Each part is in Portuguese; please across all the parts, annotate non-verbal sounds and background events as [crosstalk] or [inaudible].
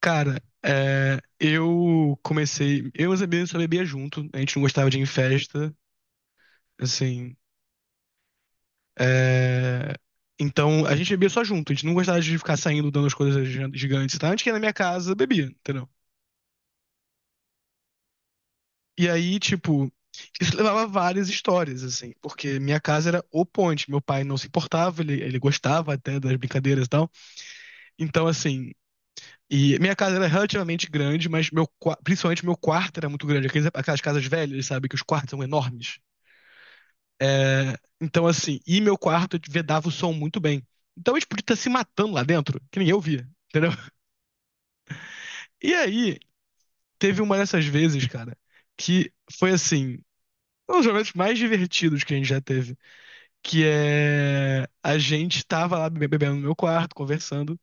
Cara, eu comecei. Eu e os amigos só bebia junto, a gente não gostava de ir em festa, assim. é, então, a gente bebia só junto, a gente não gostava de ficar saindo dando as coisas gigantes e tal. A gente ia na minha casa, bebia, entendeu? E aí, tipo, isso levava a várias histórias, assim, porque minha casa era o ponte. Meu pai não se importava, ele gostava até das brincadeiras e tal. Então, assim. E minha casa era relativamente grande, mas meu, principalmente meu quarto era muito grande. Aquelas casas velhas, sabe, que os quartos são enormes. É, então, assim, e meu quarto vedava o som muito bem. Então a gente podia estar se matando lá dentro, que ninguém ouvia, entendeu? [laughs] E aí, teve uma dessas vezes, cara, que foi assim, um dos momentos mais divertidos que a gente já teve. Que é. A gente tava lá bebendo no meu quarto, conversando,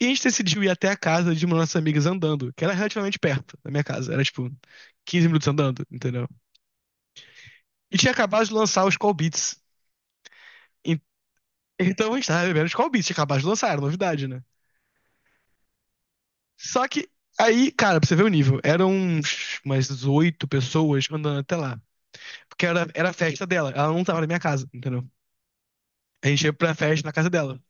e a gente decidiu ir até a casa de uma das nossas amigas andando, que era relativamente perto da minha casa, era tipo 15 minutos andando, entendeu? E tinha acabado de lançar os Call Beats. E- Então a gente tava bebendo os Call Beats, tinha acabado de lançar, era novidade, né? Só que aí, cara, pra você ver o nível, eram umas 8 pessoas andando até lá. Porque era a festa dela, ela não tava na minha casa, entendeu? A gente ia pra festa na casa dela.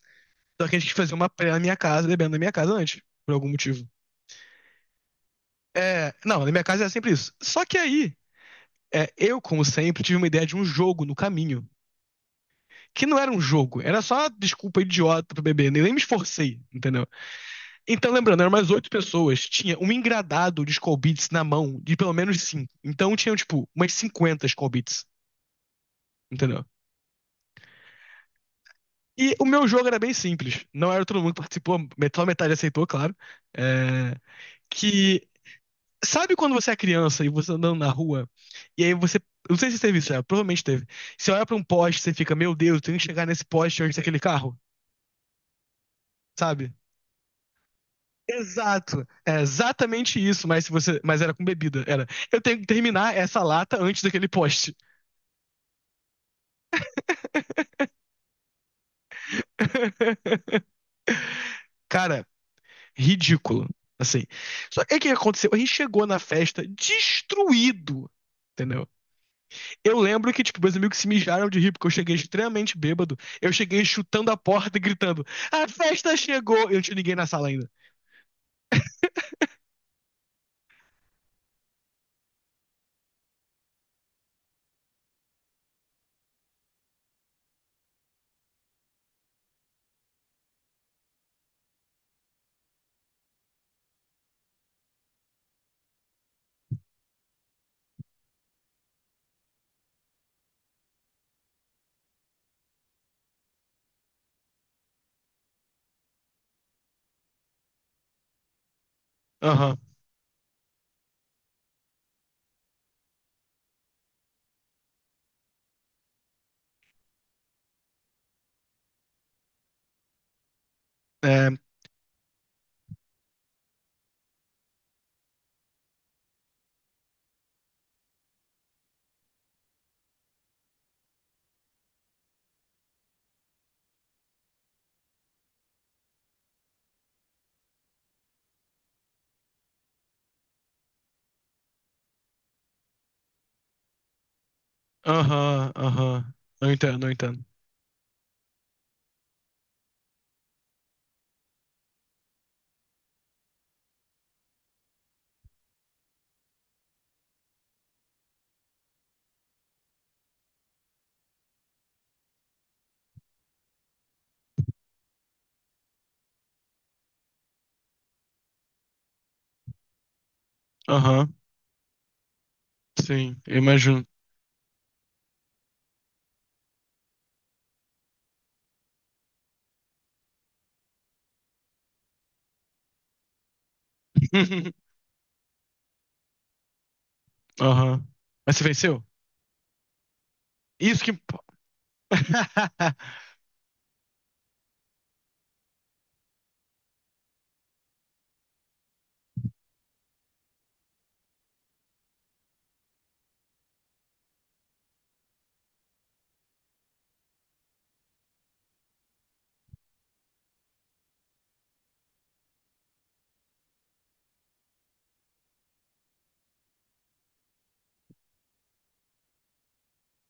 Só que a gente quis fazer uma praia na minha casa, bebendo na minha casa antes, por algum motivo. É, não, na minha casa era sempre isso. Só que aí, eu, como sempre, tive uma ideia de um jogo no caminho. Que não era um jogo, era só desculpa idiota pra beber, nem me esforcei, entendeu? Então, lembrando, eram mais 8 pessoas. Tinha um engradado de Skol Beats na mão, de pelo menos 5. Então, tinham, tipo, umas 50 Skol Beats, entendeu? E o meu jogo era bem simples. Não era todo mundo que participou, só metade aceitou, claro. É. Que. Sabe quando você é criança e você andando na rua, e aí você. Eu Não sei se teve isso, já, provavelmente teve. Você olha pra um poste, você fica, meu Deus, eu tenho que chegar nesse poste antes daquele carro, sabe? Exato. É exatamente isso, mas se você, mas era com bebida, era. Eu tenho que terminar essa lata antes daquele poste. [laughs] Cara, ridículo, assim. Só que o que aconteceu? A gente chegou na festa destruído. Entendeu? Eu lembro que, tipo, meus amigos se mijaram de rir, porque eu cheguei extremamente bêbado. Eu cheguei chutando a porta e gritando: A festa chegou! Eu não tinha ninguém na sala ainda. Aham. É. Aham, aham. Eu entendo, não entendo. Aham, sim, eu imagino. [laughs] Aham. Mas você venceu? Isso que. [laughs]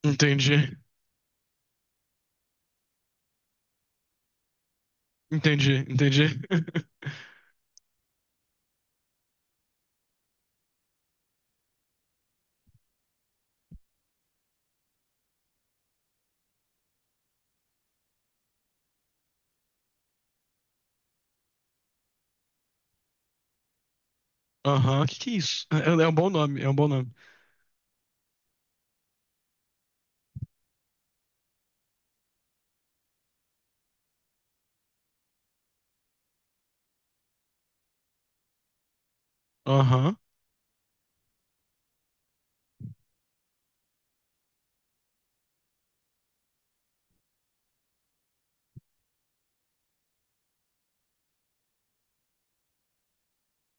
Entendi. Entendi, entendi. [laughs] Aham. Que é isso? É, é um bom nome, é um bom nome. Aham.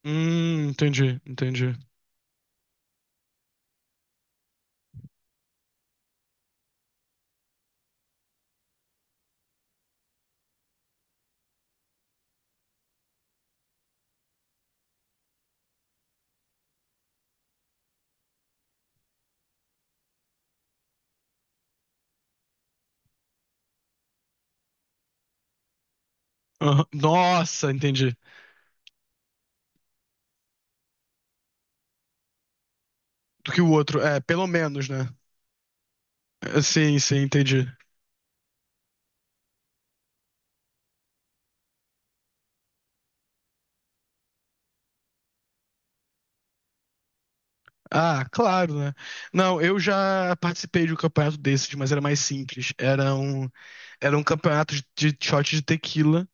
Entendi, entendi. Aham. Nossa, entendi. Do que o outro. É, pelo menos, né? É, sim, sim, entendi. Ah, claro, né? Não, eu já participei de um campeonato desses, mas era mais simples. Era um campeonato de shot de tequila.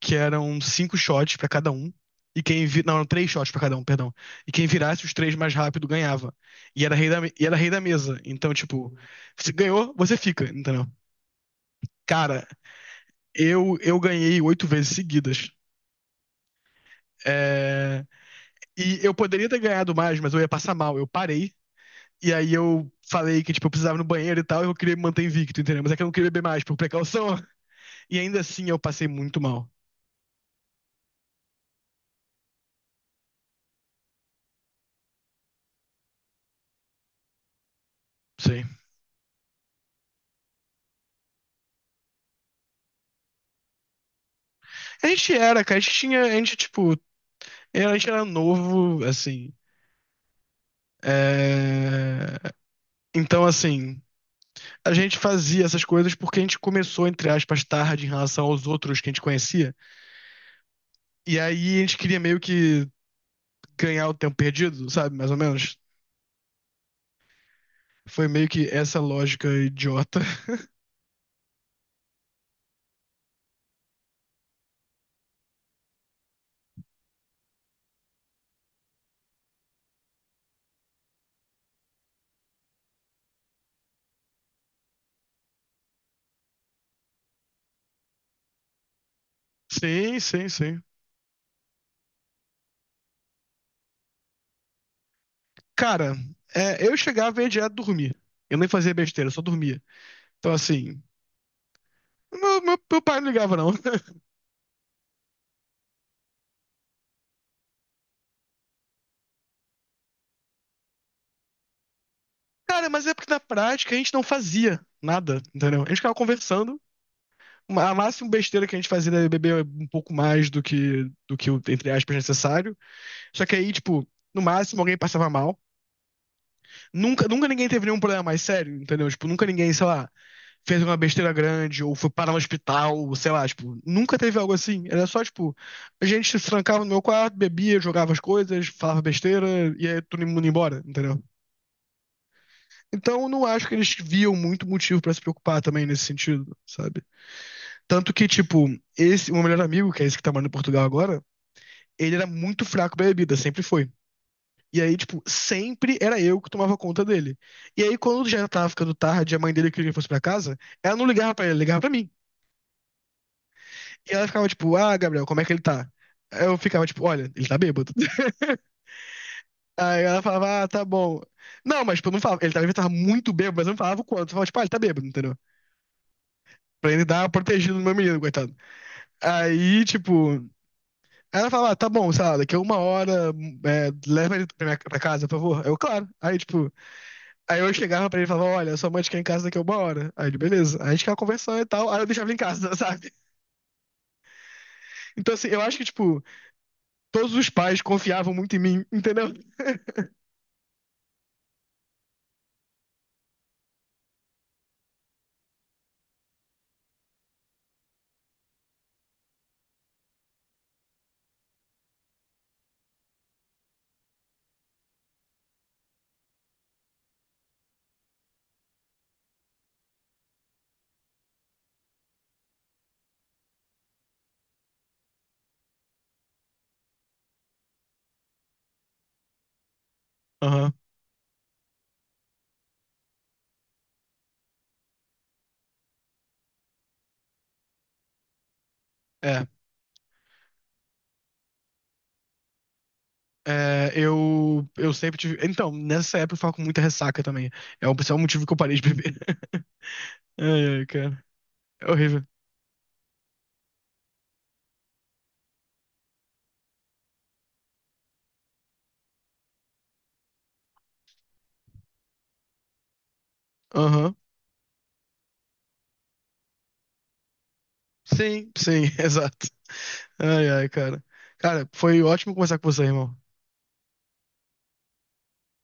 Que eram 5 shots pra cada um. E quem vi... Não, eram 3 shots pra cada um, perdão. E quem virasse os 3 mais rápido ganhava. E era e era rei da mesa. Então, tipo, se ganhou, você fica, entendeu? Cara, eu ganhei 8 vezes seguidas. É. E eu poderia ter ganhado mais, mas eu ia passar mal. Eu parei. E aí eu falei que, tipo, eu precisava ir no banheiro e tal, e eu queria me manter invicto, entendeu? Mas é que eu não queria beber mais, por precaução. E ainda assim eu passei muito mal. Sei. A gente era, cara, a gente tinha, a gente, tipo, eu, a gente era novo, assim. é, Então, assim, a gente fazia essas coisas porque a gente começou, entre aspas, tarde em relação aos outros que a gente conhecia. E aí a gente queria meio que ganhar o tempo perdido, sabe? Mais ou menos. Foi meio que essa lógica idiota. [laughs] Sim, sim, sim. Cara, eu chegava e ia direto dormir. Eu nem fazia besteira, eu só dormia. Então, assim, meu, meu pai não ligava, não. [laughs] Cara, mas é porque na prática a gente não fazia nada, entendeu? A gente ficava conversando a máxima besteira que a gente fazia era beber um pouco mais do que o, entre aspas, necessário. Só que aí, tipo, no máximo alguém passava mal. Nunca, nunca ninguém teve nenhum problema mais sério, entendeu? Tipo, nunca ninguém, sei lá, fez uma besteira grande ou foi parar no hospital, ou sei lá, tipo, nunca teve algo assim. Era só, tipo, a gente se trancava no meu quarto, bebia, jogava as coisas, falava besteira e aí todo mundo ia embora, entendeu? Então, eu não acho que eles viam muito motivo pra se preocupar também nesse sentido, sabe? Tanto que, tipo, esse, o meu melhor amigo, que é esse que tá morando em Portugal agora, ele era muito fraco pra bebida, sempre foi. E aí, tipo, sempre era eu que tomava conta dele. E aí, quando já tava ficando tarde, a mãe dele queria que ele fosse pra casa, ela não ligava pra ele, ela ligava pra mim. E ela ficava, tipo, ah, Gabriel, como é que ele tá? Aí eu ficava, tipo, olha, ele tá bêbado. [laughs] Aí ela falava, ah, tá bom. Não, mas, tipo, eu não falava. Ele tava muito bêbado, mas eu não falava o quanto. Eu falava, tipo, ah, ele tá bêbado, entendeu? Pra ele dar uma protegida no meu menino, coitado. Aí, tipo, aí ela falava, ah, tá bom, sei lá, daqui a 1 hora, leva ele pra, minha, pra casa, por favor. Aí eu, claro. Aí, tipo, aí eu chegava pra ele e falava, olha, sua mãe te quer em casa daqui a 1 hora. Aí ele, beleza. Aí a gente ficava conversando e tal, aí eu deixava ele em casa, [laughs] sabe? Então, assim, eu acho que, tipo, todos os pais confiavam muito em mim, entendeu? Aham. É. Eu sempre tive. Então, nessa época eu ficava com muita ressaca também. É um, esse é um motivo que eu parei de beber. [laughs] Ai, ai, cara. É horrível. Aham. Sim, sim, [laughs] exato. Ai, ai, cara. Cara, foi ótimo conversar com você, irmão.